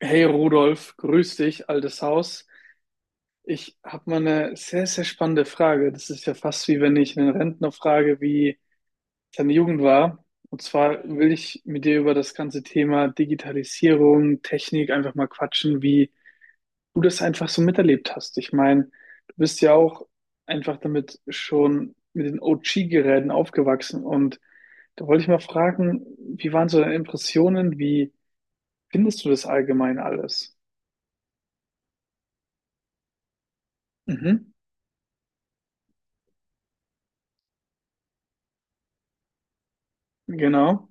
Hey Rudolf, grüß dich, altes Haus. Ich habe mal eine sehr, sehr spannende Frage. Das ist ja fast, wie wenn ich einen Rentner frage, wie seine Jugend war. Und zwar will ich mit dir über das ganze Thema Digitalisierung, Technik einfach mal quatschen, wie du das einfach so miterlebt hast. Ich meine, du bist ja auch einfach damit schon mit den OG-Geräten aufgewachsen. Und da wollte ich mal fragen, wie waren so deine Impressionen? Wie findest du das allgemein alles? Mhm, genau.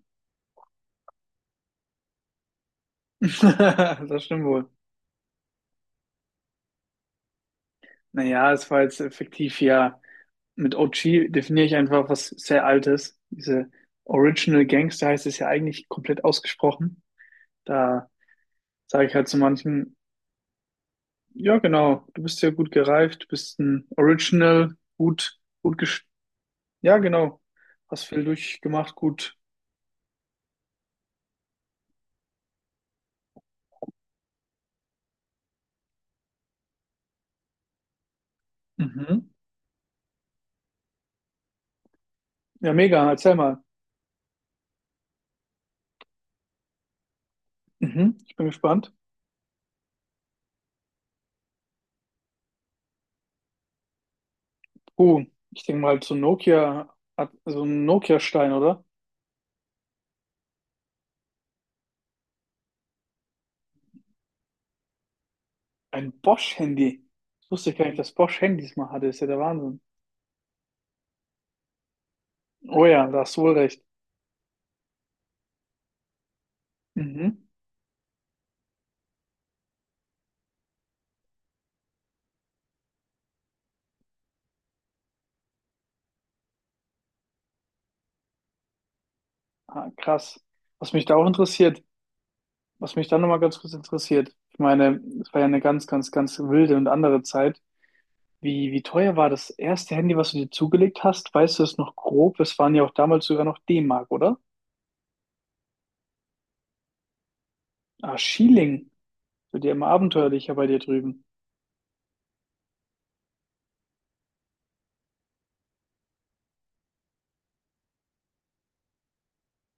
Das stimmt wohl. Naja, es war jetzt effektiv ja. Mit OG definiere ich einfach was sehr Altes. Diese Original Gangster heißt es ja eigentlich komplett ausgesprochen. Da sage ich halt zu manchen: ja genau, du bist ja gut gereift, du bist ein Original, gut, gut gesch... Ja genau, hast viel durchgemacht, gut. Mhm. Ja, mega, erzähl mal. Mhm. Ich bin gespannt. Oh, ich denke mal zu Nokia, so ein Nokia-Stein, oder? Ein Bosch-Handy. Ich wusste gar nicht, dass Bosch Handys mal hatte. Ist ja der Wahnsinn. Oh ja, da hast du wohl recht. Mhm. Ah, krass. Was mich da auch interessiert, was mich da nochmal ganz kurz interessiert, ich meine, es war ja eine ganz, ganz, ganz wilde und andere Zeit. Wie teuer war das erste Handy, was du dir zugelegt hast? Weißt du es noch grob? Es waren ja auch damals sogar noch D-Mark, oder? Ah, Schieling. Wird ja immer abenteuerlicher bei dir drüben.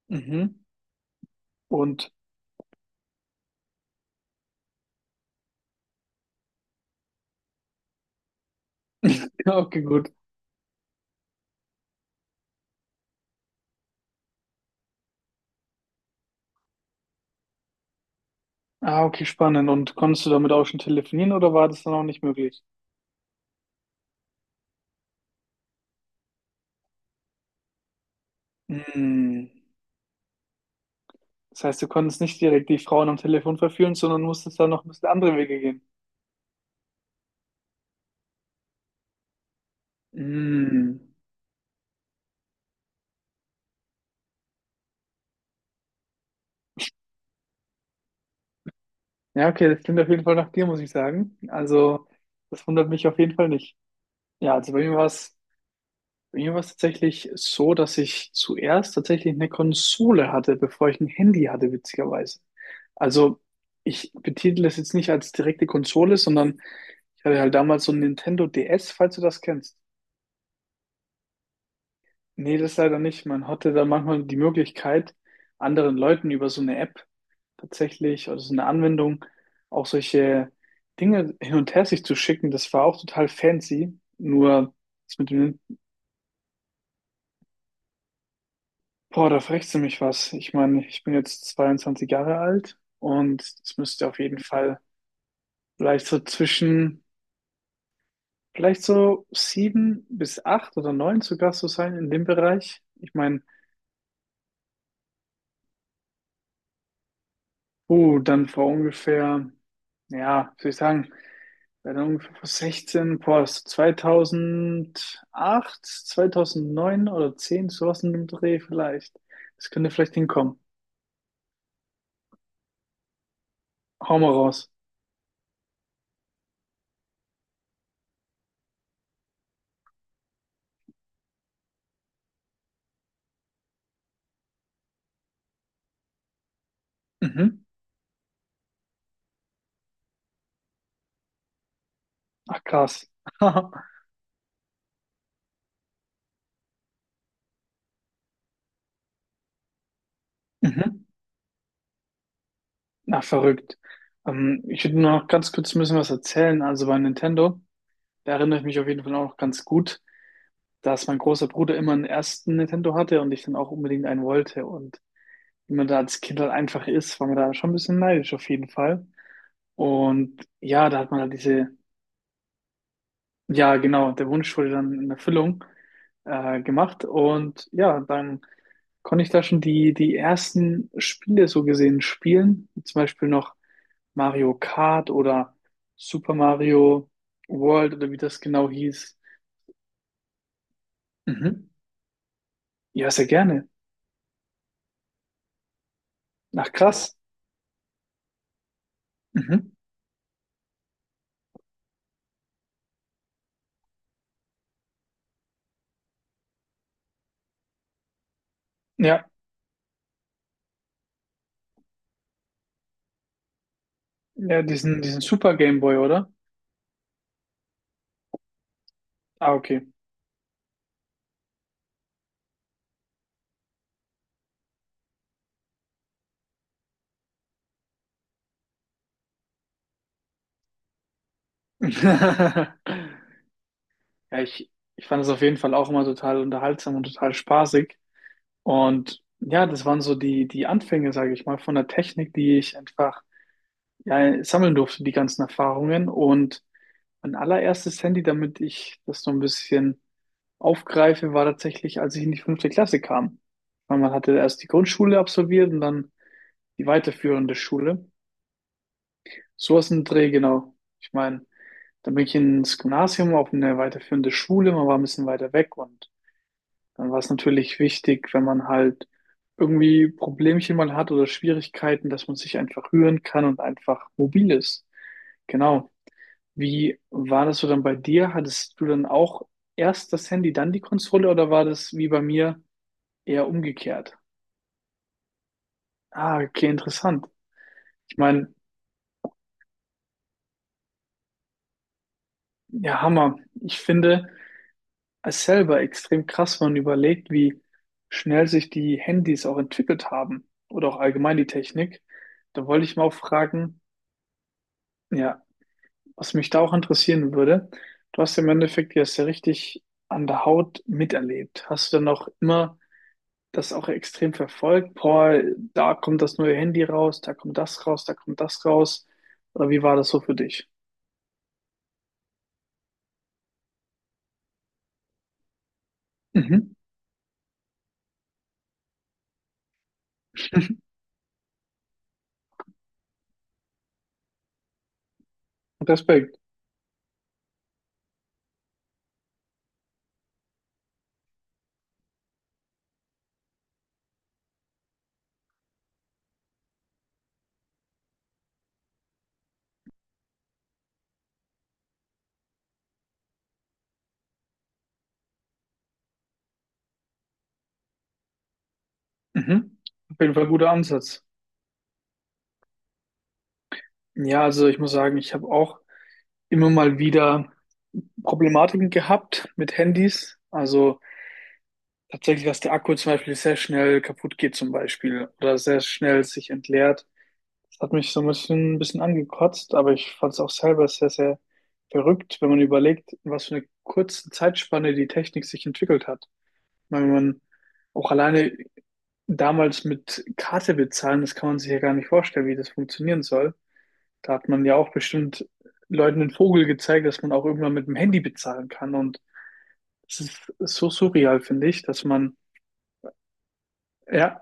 Mhm. Und, okay, gut. Ah, okay, spannend. Und konntest du damit auch schon telefonieren oder war das dann auch nicht möglich? Hm. Das heißt, du konntest nicht direkt die Frauen am Telefon verführen, sondern musstest da noch ein bisschen andere Wege gehen. Hm. Ja, okay, das klingt auf jeden Fall nach dir, muss ich sagen. Also, das wundert mich auf jeden Fall nicht. Ja, also bei mir war es tatsächlich so, dass ich zuerst tatsächlich eine Konsole hatte, bevor ich ein Handy hatte, witzigerweise. Also, ich betitel das jetzt nicht als direkte Konsole, sondern ich hatte halt damals so ein Nintendo DS, falls du das kennst. Nee, das leider nicht. Man hatte da manchmal die Möglichkeit, anderen Leuten über so eine App tatsächlich oder so eine Anwendung auch solche Dinge hin und her sich zu schicken. Das war auch total fancy. Nur das mit dem, boah, da frechst du mich was. Ich meine, ich bin jetzt 22 Jahre alt und es müsste auf jeden Fall vielleicht so zwischen, vielleicht so sieben bis acht oder neun sogar so sein in dem Bereich. Ich meine, dann vor ungefähr, ja, wie soll ich sagen, Bei der ungefähr vor 16, boah, das ist 2008, 2009 oder 10, sowas in dem Dreh vielleicht. Das könnte vielleicht hinkommen. Hau mal raus. Mhm. Ach, krass. Mhm. Na, verrückt. Ich würde nur noch ganz kurz ein bisschen was erzählen. Also bei Nintendo, da erinnere ich mich auf jeden Fall auch noch ganz gut, dass mein großer Bruder immer einen ersten Nintendo hatte und ich dann auch unbedingt einen wollte. Und wie man da als Kind halt einfach ist, war man da schon ein bisschen neidisch auf jeden Fall. Und ja, da hat man halt diese Ja, genau. Der Wunsch wurde dann in Erfüllung gemacht. Und ja, dann konnte ich da schon die ersten Spiele so gesehen spielen. Wie zum Beispiel noch Mario Kart oder Super Mario World oder wie das genau hieß. Mhm. Ja, sehr gerne. Ach, krass. Mhm. Ja, ja, diesen Super Game Boy, oder? Ah, okay. Ja, ich fand es auf jeden Fall auch immer total unterhaltsam und total spaßig. Und ja, das waren so die Anfänge, sage ich mal, von der Technik, die ich einfach, ja, sammeln durfte, die ganzen Erfahrungen. Und mein allererstes Handy, damit ich das so ein bisschen aufgreife, war tatsächlich, als ich in die fünfte Klasse kam. Weil man hatte erst die Grundschule absolviert und dann die weiterführende Schule. Sowas in den Dreh, genau. Ich meine, dann bin ich ins Gymnasium auf eine weiterführende Schule, man war ein bisschen weiter weg und dann war es natürlich wichtig, wenn man halt irgendwie Problemchen mal hat oder Schwierigkeiten, dass man sich einfach rühren kann und einfach mobil ist. Genau. Wie war das so dann bei dir? Hattest du dann auch erst das Handy, dann die Konsole oder war das wie bei mir eher umgekehrt? Ah, okay, interessant. Ich meine, ja, Hammer. Ich finde es selber extrem krass, wenn man überlegt, wie schnell sich die Handys auch entwickelt haben oder auch allgemein die Technik. Da wollte ich mal auch fragen, ja, was mich da auch interessieren würde: du hast im Endeffekt ja es ja richtig an der Haut miterlebt. Hast du dann auch immer das auch extrem verfolgt? Boah, da kommt das neue Handy raus, da kommt das raus, da kommt das raus. Oder wie war das so für dich? Mhm. Respekt. Mhm. Auf jeden Fall guter Ansatz. Ja, also ich muss sagen, ich habe auch immer mal wieder Problematiken gehabt mit Handys. Also tatsächlich, dass der Akku zum Beispiel sehr schnell kaputt geht zum Beispiel oder sehr schnell sich entleert. Das hat mich so ein bisschen angekotzt, aber ich fand es auch selber sehr, sehr verrückt, wenn man überlegt, in was für eine kurze Zeitspanne die Technik sich entwickelt hat. Ich meine, wenn man auch alleine damals mit Karte bezahlen, das kann man sich ja gar nicht vorstellen, wie das funktionieren soll. Da hat man ja auch bestimmt Leuten den Vogel gezeigt, dass man auch irgendwann mit dem Handy bezahlen kann. Und das ist so surreal, finde ich, dass man ja...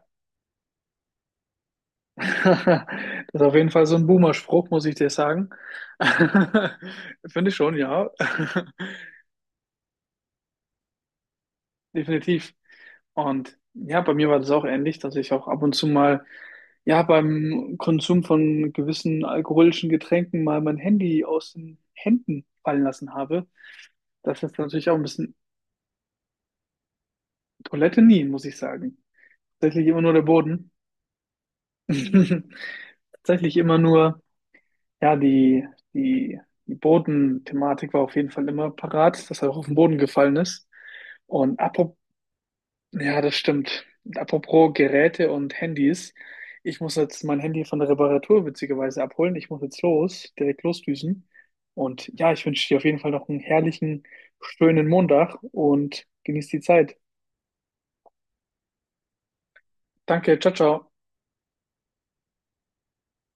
Das ist auf jeden Fall so ein Boomer-Spruch, muss ich dir sagen. Finde ich schon, ja. Definitiv. Und ja, bei mir war das auch ähnlich, dass ich auch ab und zu mal, ja, beim Konsum von gewissen alkoholischen Getränken mal mein Handy aus den Händen fallen lassen habe. Das ist natürlich auch ein bisschen... Toilette nie, muss ich sagen. Tatsächlich immer nur der Boden. Tatsächlich immer nur. Ja, die, die Bodenthematik war auf jeden Fall immer parat, dass er auch auf den Boden gefallen ist. Und apropos, ja, das stimmt. Und apropos Geräte und Handys. Ich muss jetzt mein Handy von der Reparatur witzigerweise abholen. Ich muss jetzt los, direkt losdüsen. Und ja, ich wünsche dir auf jeden Fall noch einen herrlichen, schönen Montag und genieß die Zeit. Danke, ciao, ciao.